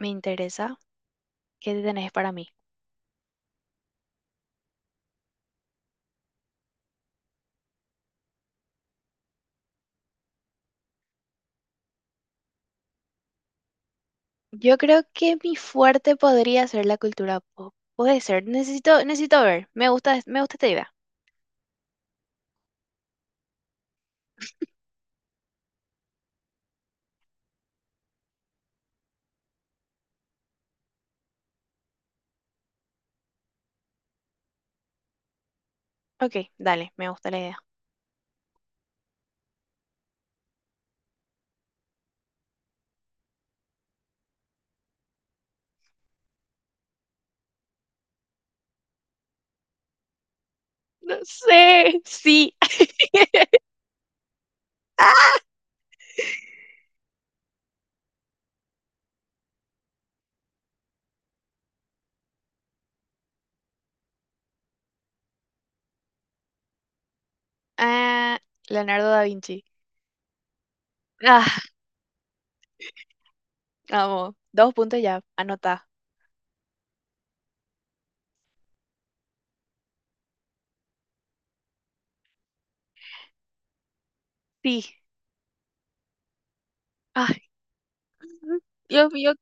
Me interesa. ¿Qué tenés para mí? Yo creo que mi fuerte podría ser la cultura pop. Puede ser. Necesito ver. Me gusta esta idea. Ok, dale, me gusta la idea. No sé. Sí. Ah, Leonardo da Vinci. Ah, vamos. Dos puntos ya. Anota. Sí. Ay, Dios mío.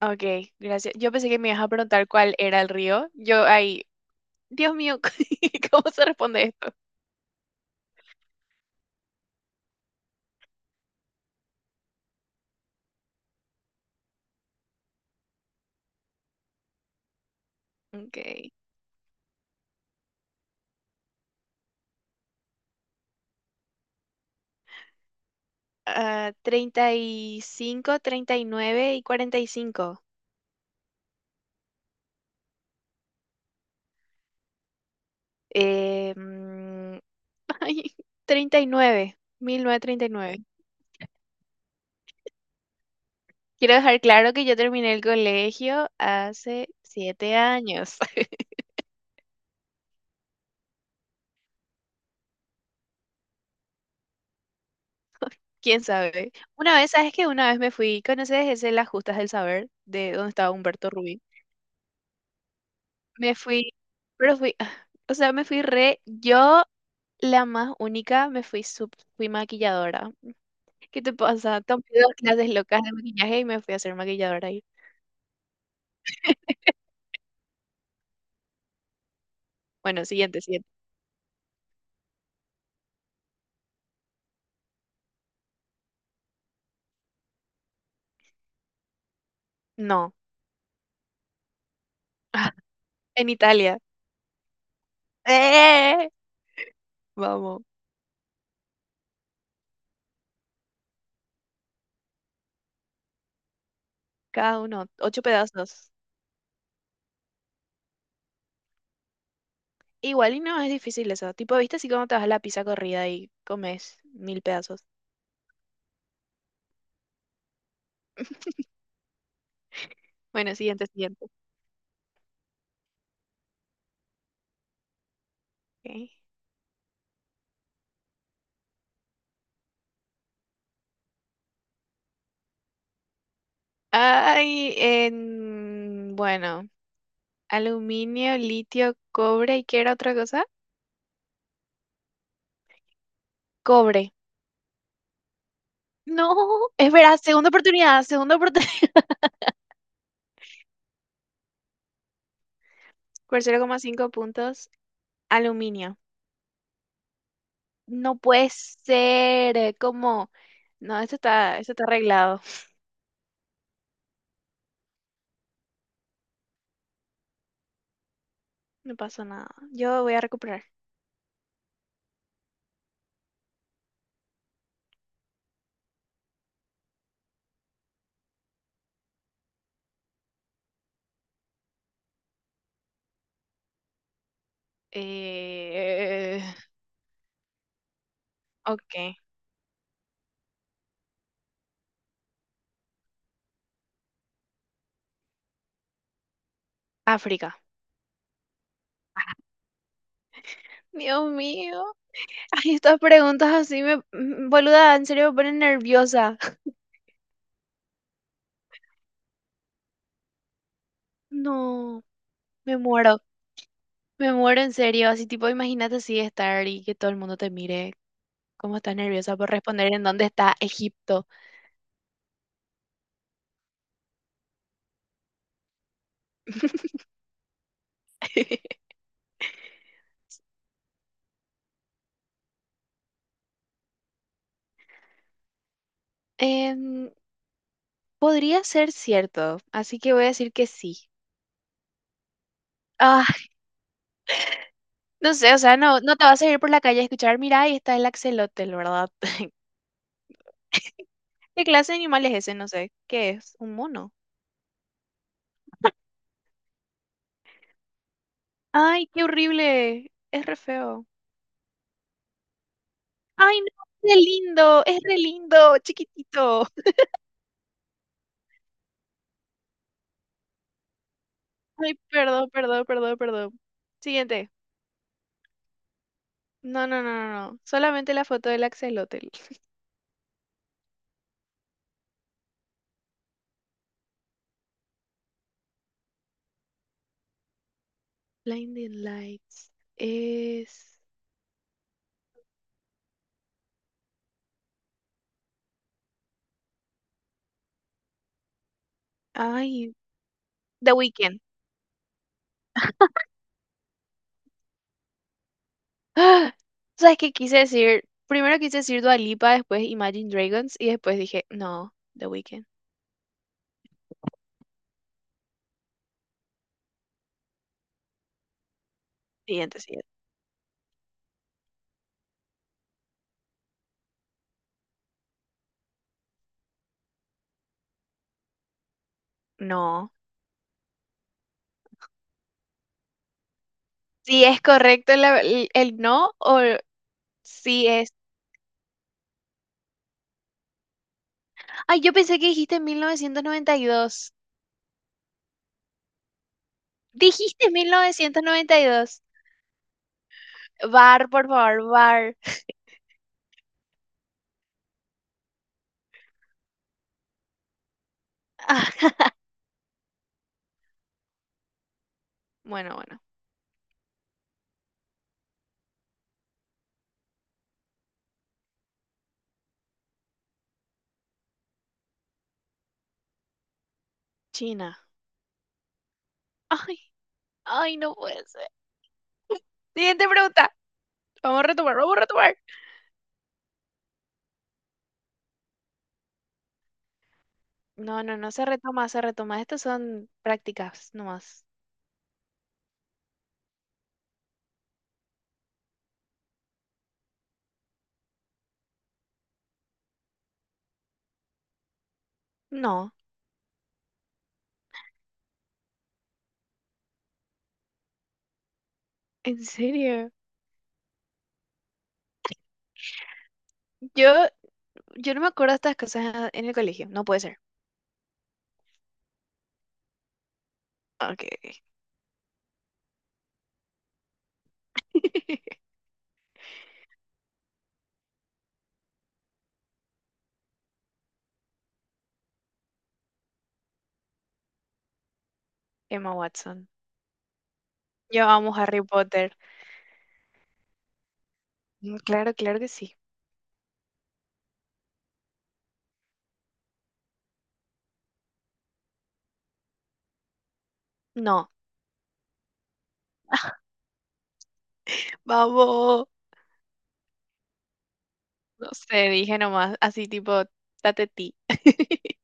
Ok, gracias. Yo pensé que me ibas a preguntar cuál era el río. Yo ahí. Dios mío, ¿cómo se responde esto? Ok. Ah, treinta y cinco, treinta y 45. Eh, mm, ay, treinta y nueve, 1939. Quiero dejar claro que yo terminé el colegio hace 7 años. ¿Quién sabe? Una vez, ¿sabes qué? Una vez me fui, ¿conoces ese Las Justas del Saber? De donde estaba Humberto Rubí. Me fui, pero fui, o sea, me fui re, yo la más única, me fui, fui maquilladora. ¿Qué te pasa? Tomé dos clases locas de maquillaje y me fui a hacer maquilladora ahí. Bueno, siguiente, siguiente. No. En Italia. ¡Eh! Vamos. Cada uno, ocho pedazos. Igual y no es difícil eso. Tipo, ¿viste así como te vas a la pizza corrida y comes mil pedazos? Bueno, siguiente, siguiente. Ok. Ay, en... Bueno, aluminio, litio, cobre y ¿qué era otra cosa? Cobre. No, es verdad, segunda oportunidad, segunda oportunidad. Por 0,5 puntos, aluminio. No puede ser, como, no, esto está arreglado, no pasó nada. Yo voy a recuperar. Eh, ok, África. Dios mío. Ay, estas preguntas así me, boluda, en serio me ponen nerviosa. No, me muero, me muero en serio. Así tipo, imagínate así estar y que todo el mundo te mire. ¿Cómo estás nerviosa por responder en dónde está Egipto? Em, podría ser cierto, así que voy a decir que sí. Ah. No sé, o sea, no, no te vas a ir por la calle a escuchar, mira, ahí está el axolotl, ¿verdad? ¿Qué clase de animal es ese? No sé. ¿Qué es? ¿Un mono? Ay, qué horrible. Es re feo. Ay, no, es re lindo, chiquitito. Ay, perdón, perdón, perdón, perdón. Siguiente. No, no, no, no, no. Solamente la foto del axolotl. Blinding Lights es... Ay, The Weeknd. ¡Ah! ¿Sabes qué quise decir? Primero quise decir Dua Lipa, después Imagine Dragons y después dije, no, The Weeknd. Siguiente, siguiente. No. Si es correcto el no o si es... Ay, yo pensé que dijiste 1992. Dijiste 1992. Bar, por favor, bar. Bueno, bueno. China. Ay, ay, no puede ser. Siguiente pregunta. Vamos a retomar, vamos a retomar. No, no, no se retoma, se retoma. Estas son prácticas nomás. No. ¿En serio? Yo, yo no me acuerdo de estas cosas en el colegio. No puede ser. Ok. Emma Watson. Yo amo Harry Potter. Mm, claro, claro que sí. No. Vamos. No sé, dije nomás. Así tipo, date ti.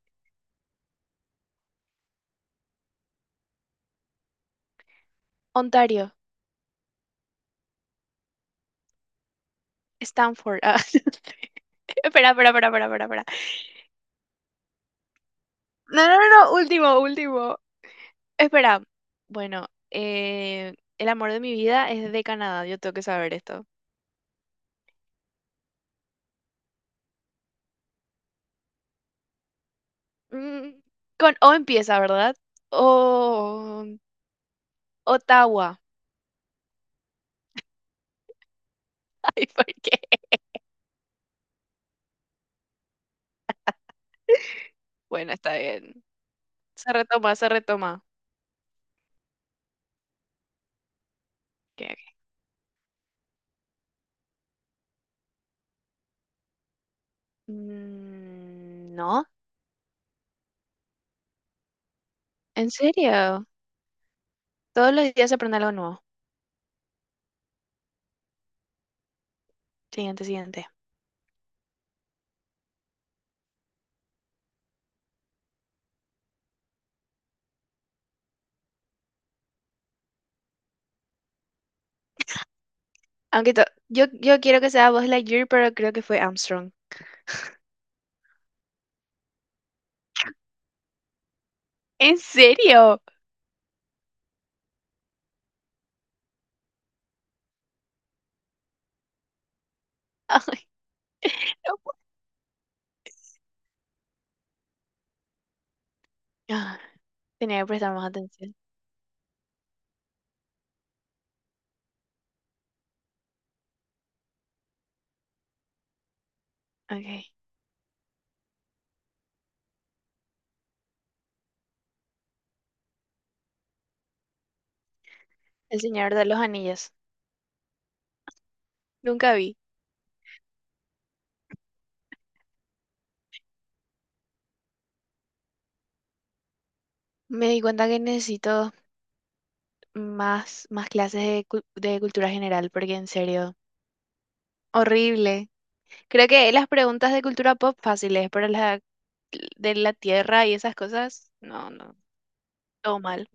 Ontario. Stanford. Ah, espera, espera, espera, espera, espera, espera. No, no, no, no. Último, último. Espera. Bueno, el amor de mi vida es de Canadá. Yo tengo que saber esto. Mm, con O empieza, ¿verdad? O Ottawa. Ay, ¿por qué? Bueno, está bien. Se retoma, se retoma. Ok, ok. Mm, no, en serio. Todos los días se aprende algo nuevo. Siguiente, siguiente. Aunque yo quiero que sea Buzz Lightyear, pero creo que fue Armstrong. ¿En serio? Ay, no puedo. Ah, tenía que prestar más atención. Ok. El Señor de los Anillos. Nunca vi. Me di cuenta que necesito más clases de cultura general, porque en serio, horrible. Creo que las preguntas de cultura pop fáciles, pero la de la tierra y esas cosas, no, no, todo mal.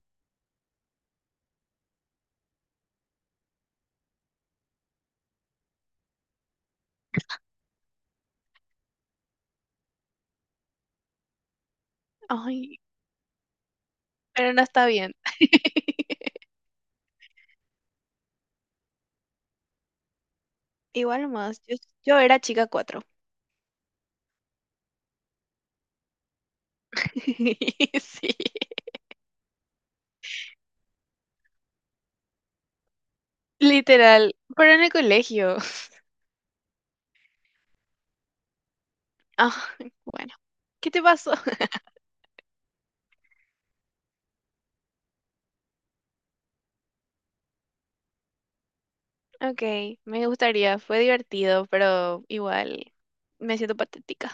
Ay, pero no está bien. Igual más, yo era chica cuatro. Sí, literal, pero en el colegio. Ah, bueno, ¿qué te pasó? Ok, me gustaría, fue divertido, pero igual me siento patética.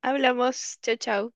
Hablamos, chao, chao.